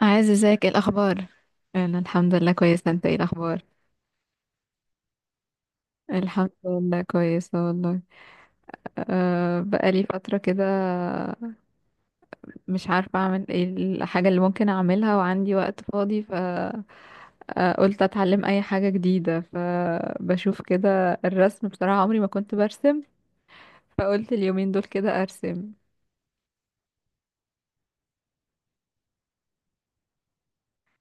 عايز، ازيك؟ ايه الاخبار؟ انا الحمد لله كويسه. انت ايه الاخبار؟ الحمد لله كويسه والله. بقالي فتره كده، مش عارفه اعمل ايه، الحاجه اللي ممكن اعملها وعندي وقت فاضي، فقلت اتعلم اي حاجه جديده، فبشوف كده الرسم، بصراحه عمري ما كنت برسم، فقلت اليومين دول كده ارسم.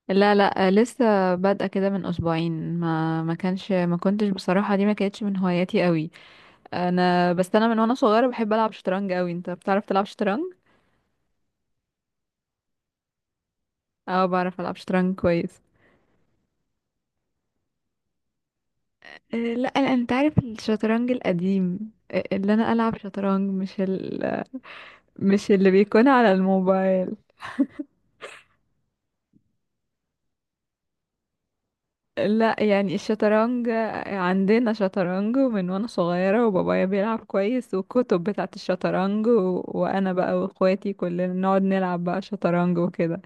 لا لا، لسه بادئه كده من اسبوعين، ما كنتش بصراحه، دي ما كانتش من هواياتي قوي. بس انا من وانا صغيره بحب العب شطرنج قوي. انت بتعرف تلعب شطرنج؟ اه بعرف العب شطرنج كويس. لا أنا- انت عارف الشطرنج القديم، اللي انا العب شطرنج مش اللي بيكون على الموبايل. لا يعني الشطرنج، عندنا شطرنج من وانا صغيرة، وبابايا بيلعب كويس، والكتب بتاعت الشطرنج وانا بقى واخواتي كلنا نقعد نلعب بقى شطرنج وكده.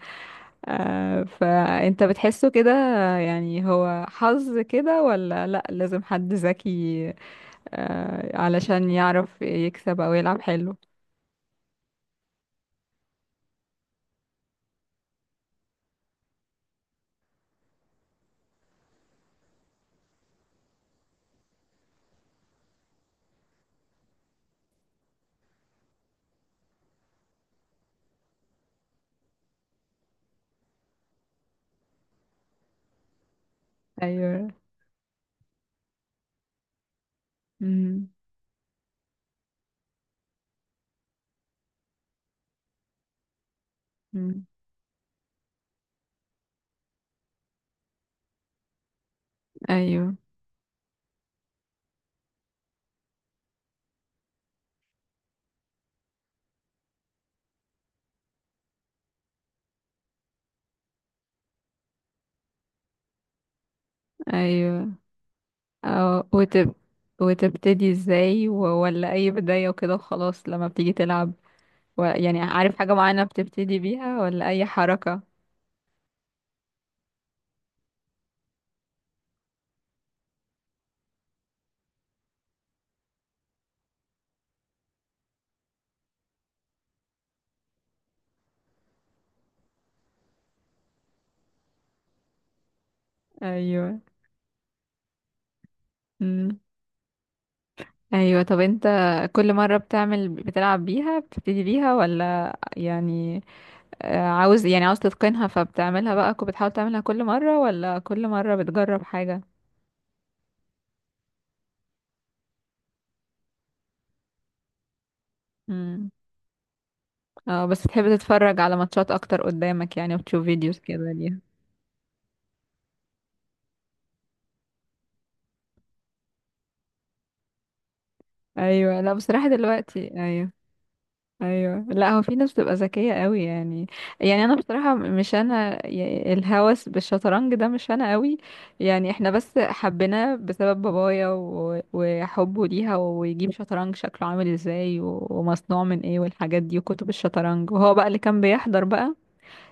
فانت بتحسه كده يعني هو حظ كده، ولا لا، لازم حد ذكي علشان يعرف يكسب او يلعب حلو؟ ايوه. امم أمم. ايوه ايوه. أو وتب، وتبتدي ازاي ولا اي بداية وكده وخلاص لما بتيجي تلعب، يعني عارف حاجة معينة بتبتدي بيها ولا اي حركة؟ ايوه. امم ايوه. طب انت كل مرة بتعمل، بتلعب بيها، بتبتدي بيها ولا يعني عاوز يعني عاوز تتقنها، فبتعملها بقى بتحاول تعملها كل مرة، ولا كل مرة بتجرب حاجة؟ امم اه. بس بتحب تتفرج على ماتشات اكتر قدامك يعني، وتشوف فيديوز كده ليها؟ ايوه. لا بصراحة دلوقتي ايوه. ايوه لا، هو في ناس بتبقى ذكيه قوي يعني. يعني انا بصراحه مش انا الهوس بالشطرنج ده مش انا قوي. يعني احنا بس حبيناه بسبب بابايا وحبه ليها، ويجيب شطرنج شكله عامل ازاي ومصنوع من ايه والحاجات دي، وكتب الشطرنج، وهو بقى اللي كان بيحضر بقى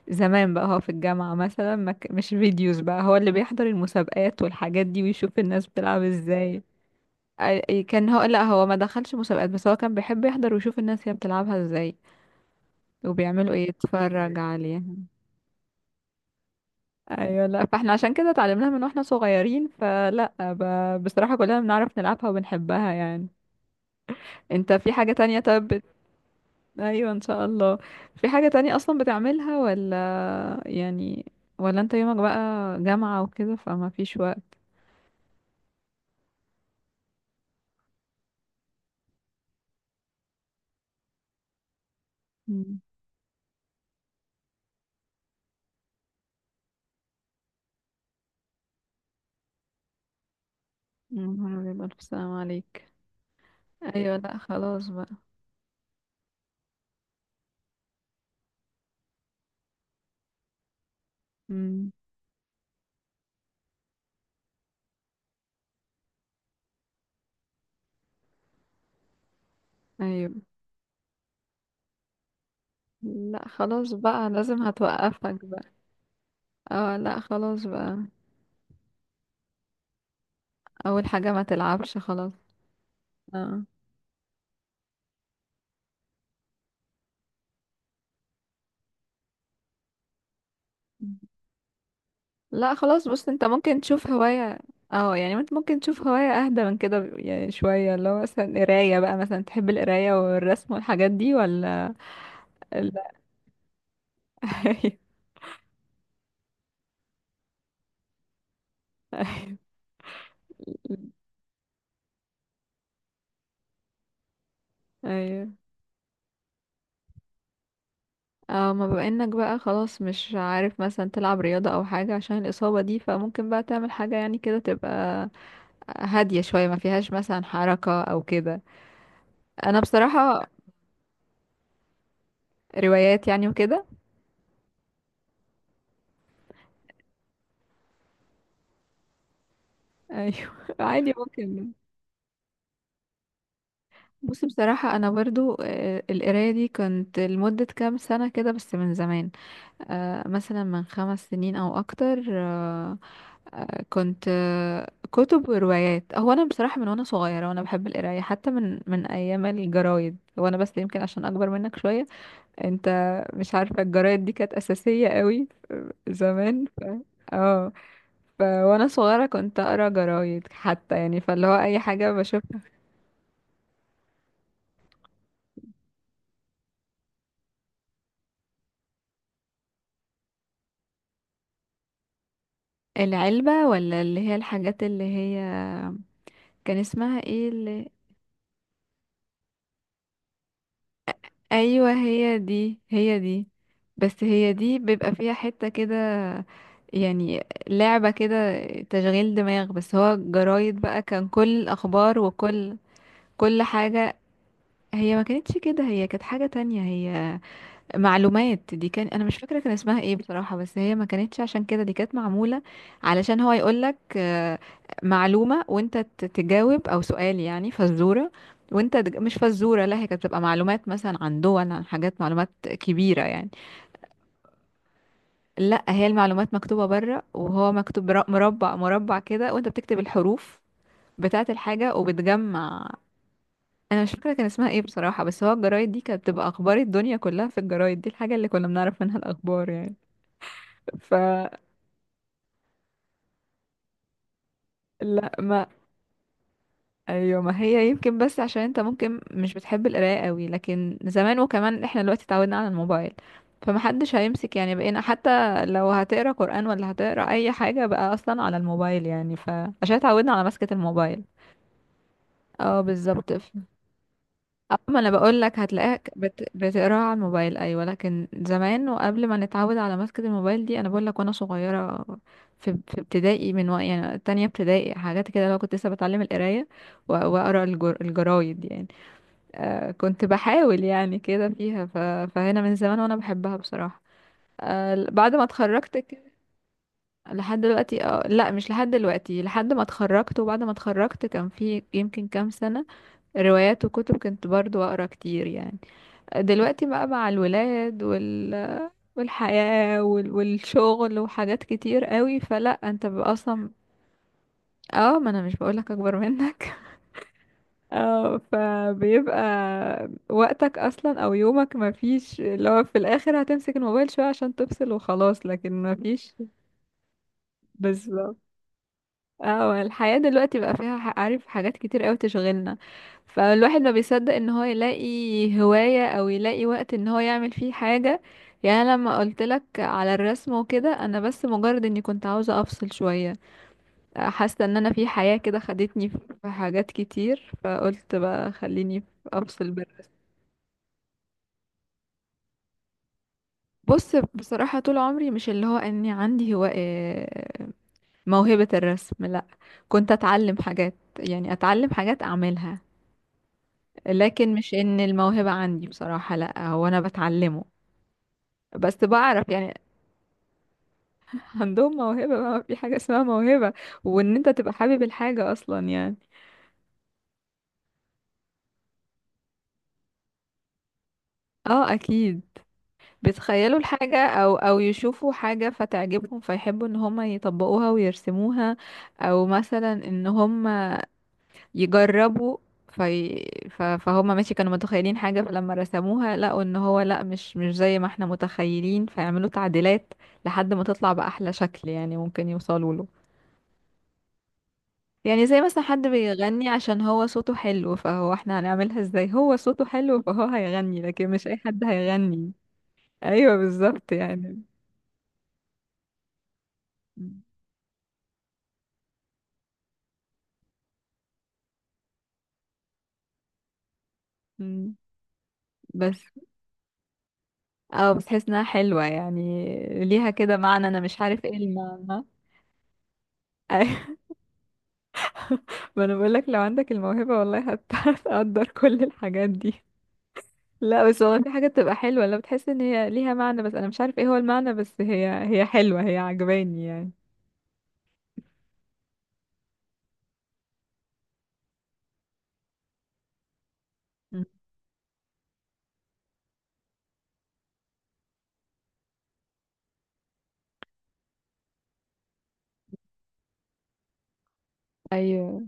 زمان بقى. هو في الجامعه مثلا ما ك- مش فيديوز بقى، هو اللي بيحضر المسابقات والحاجات دي، ويشوف الناس بتلعب ازاي. كان هو، لا هو ما دخلش مسابقات، بس هو كان بيحب يحضر ويشوف الناس هي بتلعبها ازاي وبيعملوا ايه، اتفرج عليها. ايوه لا، فاحنا عشان كده اتعلمناها من واحنا صغيرين، فلا بصراحة كلنا بنعرف نلعبها وبنحبها يعني. انت في حاجة تانية؟ طب ايوه ان شاء الله. في حاجة تانية اصلا بتعملها ولا يعني، ولا انت يومك بقى جامعة وكده فما فيش وقت؟ مم. يا نهار أبيض، ألف سلام عليك. أيوة لأ خلاص بقى. مم. أيوة لأ خلاص بقى، لازم هتوقفك بقى. اه لأ خلاص بقى. أول حاجة ما تلعبش خلاص. اه. لا خلاص، بص انت ممكن تشوف هواية. اه يعني انت ممكن تشوف هواية اهدى من كده يعني شوية، اللي هو مثلا قراية بقى، مثلا تحب القراية والرسم والحاجات دي، ولا لا؟ ايوه ايوه. اه، ما بما انك بقى خلاص مش عارف مثلا تلعب رياضة او حاجة عشان الإصابة دي، فممكن بقى تعمل حاجة يعني كده تبقى هادية شوية، ما فيهاش مثلا حركة او كده. انا بصراحة، روايات يعني وكده؟ ايوه. عادي ممكن. بصي بصراحة أنا برضو، القراية دي كنت لمدة كام سنة كده بس من زمان، مثلا من خمس سنين أو أكتر، آه، كنت آه، كتب وروايات. هو أنا بصراحة من وأنا صغيرة وأنا بحب القراية، حتى من أيام الجرايد، وأنا بس يمكن عشان أكبر منك شوية. أنت مش عارفة الجرايد دي كانت أساسية قوي زمان اه. ف وانا صغيره كنت اقرا جرايد حتى يعني، فاللي هو اي حاجه بشوفها. العلبة، ولا اللي هي الحاجات اللي هي كان اسمها ايه اللي؟ ايوه هي دي هي دي، بس هي دي بيبقى فيها حتة كده يعني، لعبة كده تشغيل دماغ، بس هو جرايد بقى كان كل الأخبار وكل كل حاجة. هي ما كانتش كده، هي كانت حاجة تانية هي، معلومات. دي كان انا مش فاكره كان اسمها ايه بصراحه، بس هي ما كانتش عشان كده، دي كانت معموله علشان هو يقولك معلومه وانت تجاوب، او سؤال يعني، فزوره. وانت مش فزوره، لا هي كانت بتبقى معلومات مثلا عن دول عن حاجات، معلومات كبيره يعني. لا هي المعلومات مكتوبه بره، وهو مكتوب مربع مربع كده، وانت بتكتب الحروف بتاعه الحاجه وبتجمع. انا مش فاكره كان اسمها ايه بصراحه، بس هو الجرايد دي كانت بتبقى اخبار الدنيا كلها في الجرايد دي، الحاجه اللي كنا بنعرف منها الاخبار يعني، فلا. ما ايوه، ما هي يمكن، بس عشان انت ممكن مش بتحب القرايه قوي، لكن زمان وكمان احنا دلوقتي اتعودنا على الموبايل، فمحدش هيمسك يعني، بقينا حتى لو هتقرا قرآن ولا هتقرا اي حاجه بقى اصلا على الموبايل يعني، فعشان اتعودنا على مسكة الموبايل. اه بالظبط. اه ما انا بقول لك، بتقراها على الموبايل ايوه، لكن زمان وقبل ما نتعود على مسكة الموبايل دي، انا بقول لك وانا صغيره في ابتدائي، من وقت يعني تانية ابتدائي حاجات كده، لو كنت لسه بتعلم القرايه واقرا الجرايد يعني، كنت بحاول يعني كده فيها فهنا من زمان وانا بحبها بصراحه. بعد ما اتخرجت كده. لحد دلوقتي؟ اه لا، مش لحد دلوقتي، لحد ما اتخرجت، وبعد ما اتخرجت كان في يمكن كام سنه روايات وكتب كنت برضو اقرا كتير يعني. دلوقتي بقى مع الولاد وال والحياة والشغل وحاجات كتير قوي، فلا انت بيبقى اصلا. اه ما انا مش بقولك اكبر منك. اه فبيبقى وقتك اصلا او يومك ما فيش، اللي هو في الاخر هتمسك الموبايل شوية عشان تفصل وخلاص، لكن ما فيش. بس. اه الحياة دلوقتي بقى فيها عارف حاجات كتير قوي تشغلنا، فالواحد ما بيصدق ان هو يلاقي هواية، او يلاقي وقت ان هو يعمل فيه حاجة يعني. أنا لما قلت لك على الرسم وكده، انا بس مجرد اني كنت عاوزة افصل شوية، حاسة ان انا في حياة كده خدتني في حاجات كتير، فقلت بقى خليني افصل بالرسم. بص بصراحة طول عمري مش اللي هو اني عندي هو موهبة الرسم لا، كنت اتعلم حاجات يعني، اتعلم حاجات اعملها، لكن مش ان الموهبة عندي بصراحة، لا هو انا بتعلمه بس بعرف يعني. عندهم موهبة بقى، ما في حاجة اسمها موهبة، وان انت تبقى حابب الحاجة اصلا يعني. اه اكيد، بيتخيلوا الحاجة، او او يشوفوا حاجة فتعجبهم، فيحبوا ان هم يطبقوها ويرسموها. او مثلا ان هم يجربوا في فهم ماشي، كانوا متخيلين حاجة، فلما رسموها لقوا ان هو لا مش زي ما احنا متخيلين، فيعملوا تعديلات لحد ما تطلع بأحلى شكل يعني ممكن يوصلوا له. يعني زي مثلا حد بيغني عشان هو صوته حلو، فهو احنا هنعملها ازاي، هو صوته حلو فهو هيغني، لكن مش اي حد هيغني. ايوه بالظبط يعني. مم. بس اه، بس حاسس انها حلوة يعني، ليها كده معنى انا مش عارف ايه المعنى. ما انا بقول لك لو عندك الموهبة والله هتقدر كل الحاجات دي. لا بس والله في حاجة بتبقى حلوة لو بتحس ان هي ليها معنى، بس انا مش عارف ايه هو المعنى، بس هي هي حلوة، هي عجباني يعني. مم. ايوه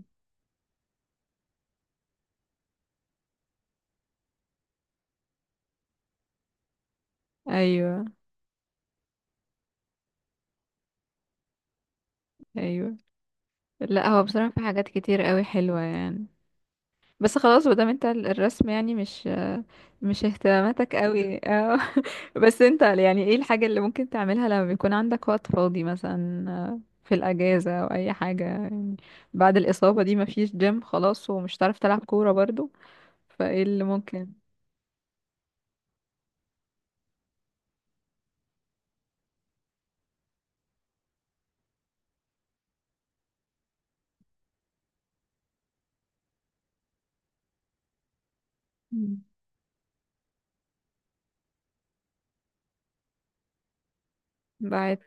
ايوه. ايوه ايوه. لا هو بصراحة في حاجات كتير قوي حلوة يعني. بس خلاص مادام انت الرسم يعني مش مش اهتماماتك قوي، اه. بس انت يعني ايه الحاجة اللي ممكن تعملها لما بيكون عندك وقت فاضي مثلا، في الأجازة أو أي حاجة يعني؟ بعد الإصابة دي مفيش جيم خلاص، ومش هتعرف تلعب كورة برضو، فايه اللي ممكن؟ مم. بعد.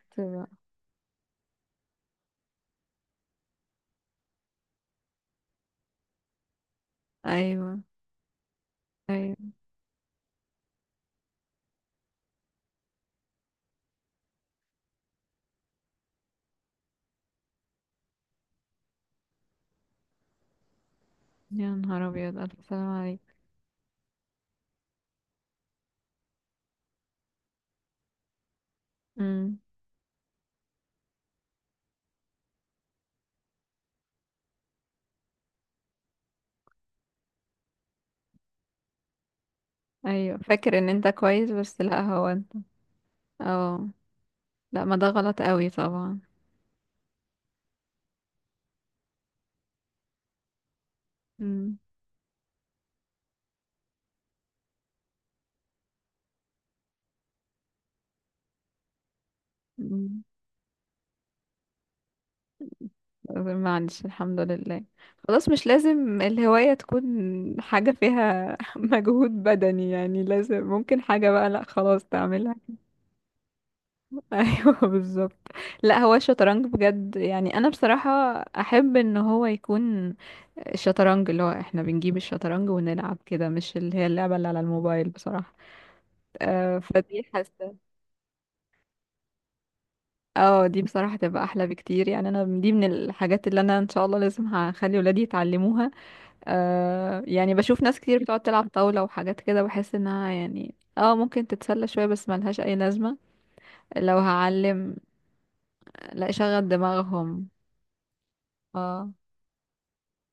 أيوه أيوه. يا نهار أبيض، ألف سلام عليك. مم. أيوه فاكر إن أنت كويس، بس لأ هو أنت. اه. لأ ما ده غلط قوي طبعا. مم. مم. ما عنديش، الحمد لله. خلاص مش لازم الهواية تكون حاجة فيها مجهود بدني يعني، لازم ممكن حاجة بقى، لا خلاص تعملها. ايوه بالظبط. لا هو الشطرنج بجد يعني انا بصراحة احب ان هو يكون الشطرنج اللي هو احنا بنجيب الشطرنج ونلعب كده، مش اللي هي اللعبة اللي على الموبايل بصراحة، فدي حاسة. اه دي بصراحة تبقى احلى بكتير يعني، انا دي من الحاجات اللي انا ان شاء الله لازم هخلي ولادي يتعلموها، يعني بشوف ناس كتير بتقعد تلعب طاولة وحاجات كده، بحس انها يعني اه ممكن تتسلى شوية بس ملهاش اي لازمة. لو هعلم، لا شغل دماغهم. اه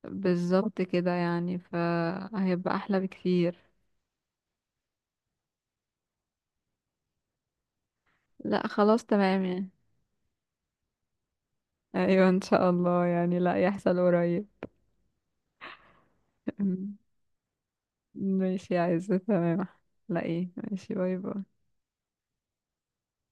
بالظبط كده يعني، فهيبقى احلى بكتير. لا خلاص تمام يعني. ايوه ان شاء الله يعني، لا يحصل قريب. ماشي يا عزة، تمام. لا ايه، ماشي، باي باي.